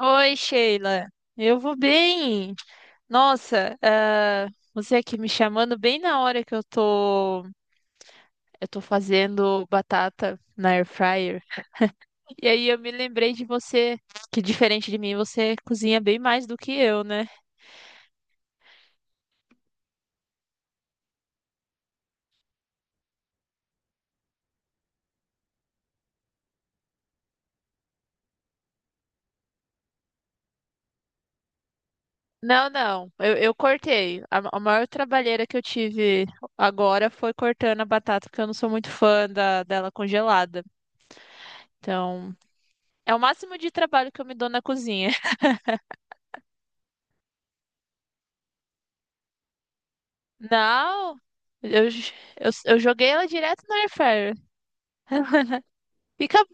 Oi, Sheila. Eu vou bem. Nossa, você aqui me chamando bem na hora que eu tô fazendo batata na air fryer. E aí eu me lembrei de você, que diferente de mim, você cozinha bem mais do que eu, né? Não, não. Eu cortei. A maior trabalheira que eu tive agora foi cortando a batata, porque eu não sou muito fã dela congelada. Então, é o máximo de trabalho que eu me dou na cozinha. Não, eu, j- eu joguei ela direto no air fryer. Fica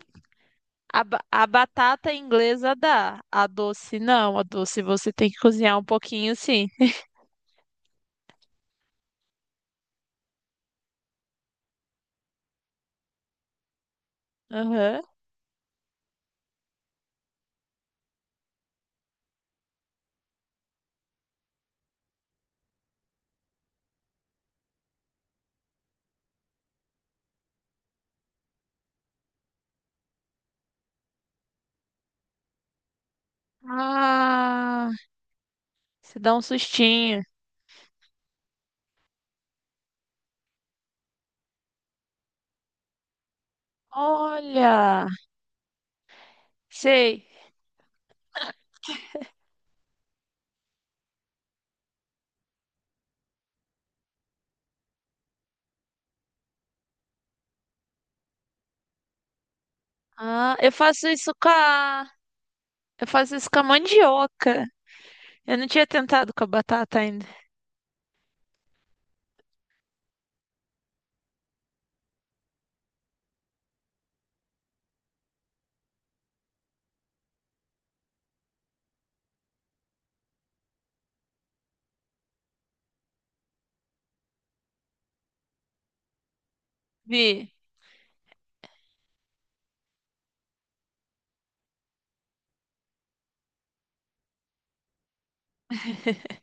a batata inglesa dá, a doce não, a doce você tem que cozinhar um pouquinho sim. Aham. Ah, se dá um sustinho. Olha, sei. Ah, eu faço isso com a, eu faço isso com a mandioca. Eu não tinha tentado com a batata ainda. Vi.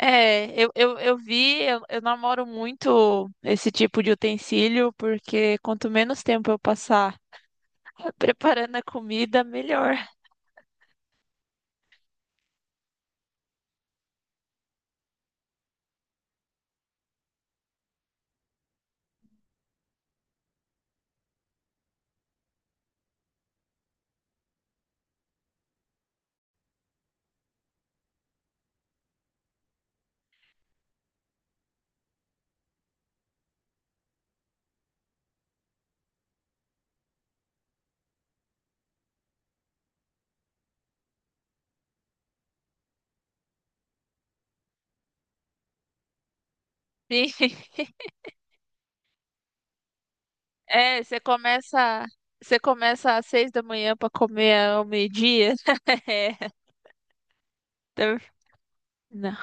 Eu vi, eu namoro muito esse tipo de utensílio, porque quanto menos tempo eu passar preparando a comida, melhor. Sim. É, você começa, você começa às 6 da manhã para comer ao meio-dia. É. Então, não,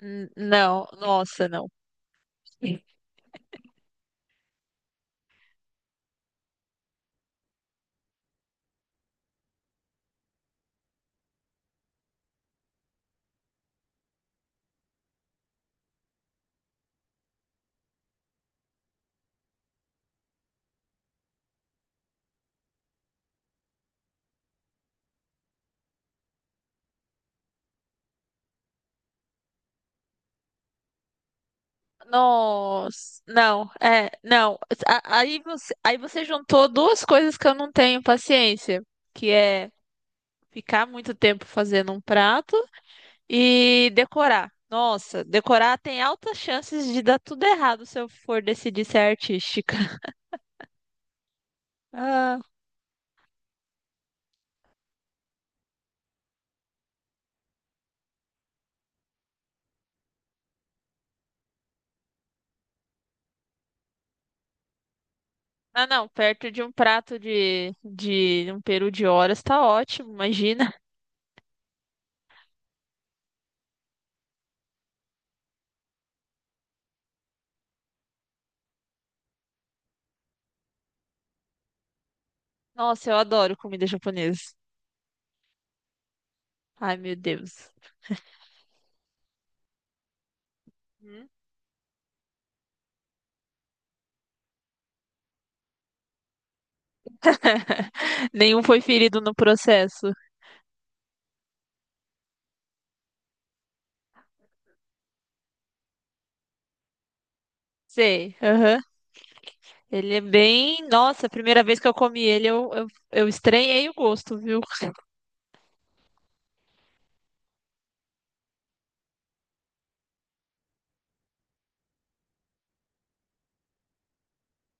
não, nossa, não. Nossa, não, é, não. Aí você juntou duas coisas que eu não tenho paciência, que é ficar muito tempo fazendo um prato e decorar. Nossa, decorar tem altas chances de dar tudo errado se eu for decidir ser artística. Ah, não, perto de um prato de um peru de horas tá ótimo, imagina. Nossa, eu adoro comida japonesa. Ai, meu Deus. Hum. Nenhum foi ferido no processo. Sei, aham. Ele é bem. Nossa, a primeira vez que eu comi ele, eu estranhei o gosto, viu?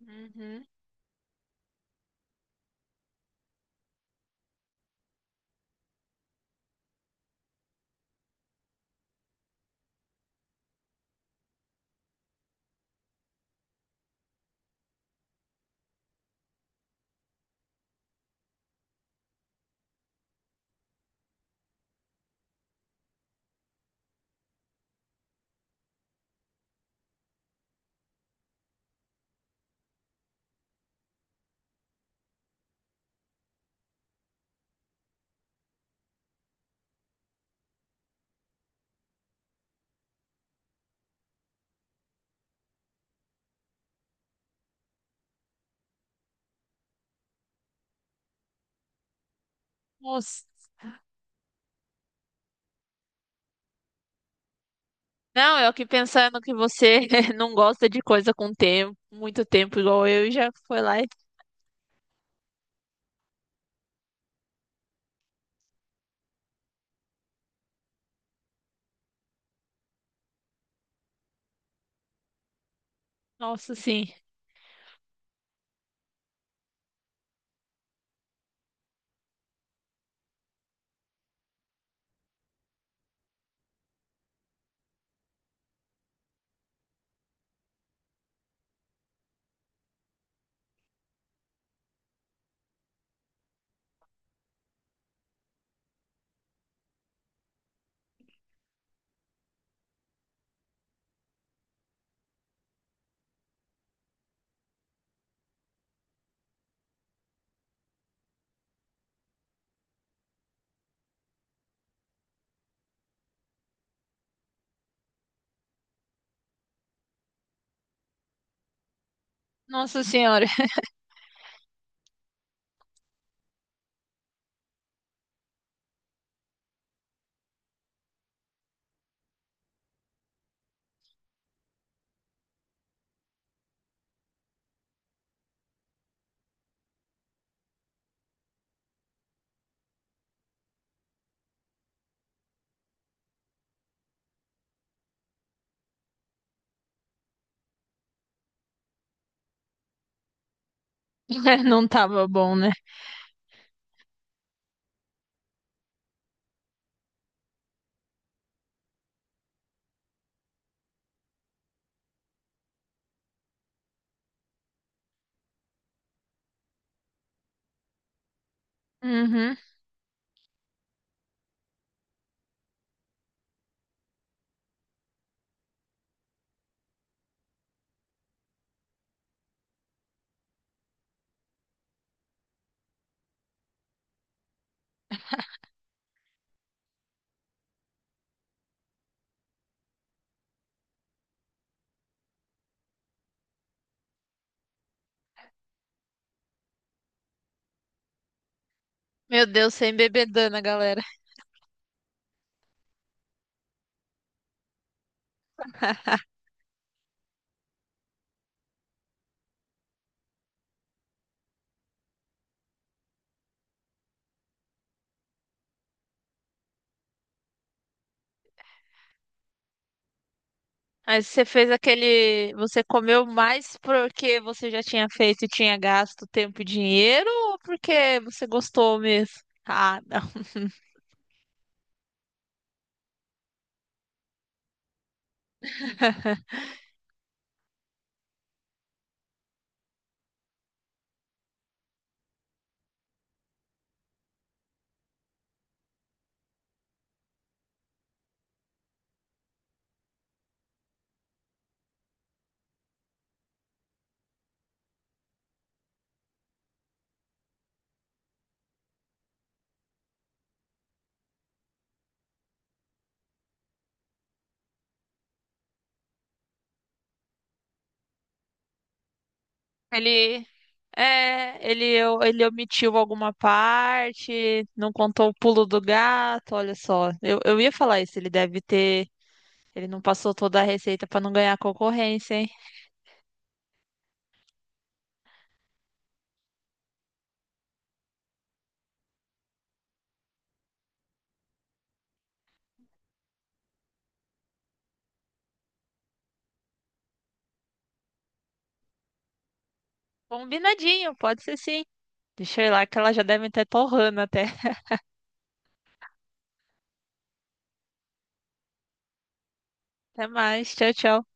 Uhum. Nossa. Não, eu aqui pensando que você não gosta de coisa com tempo, muito tempo igual eu, e já foi lá e. Nossa, sim. Nossa senhora. Não tava bom, né? Uhum. Meu Deus, sem bebedana, galera. Mas você fez aquele. Você comeu mais porque você já tinha feito e tinha gasto tempo e dinheiro ou porque você gostou mesmo? Ah, ele, é, ele, ele omitiu alguma parte, não contou o pulo do gato, olha só. Eu ia falar isso, ele deve ter, ele não passou toda a receita pra não ganhar concorrência, hein? Combinadinho, pode ser sim. Deixa eu ir lá que elas já devem estar torrando até. Até mais, tchau, tchau.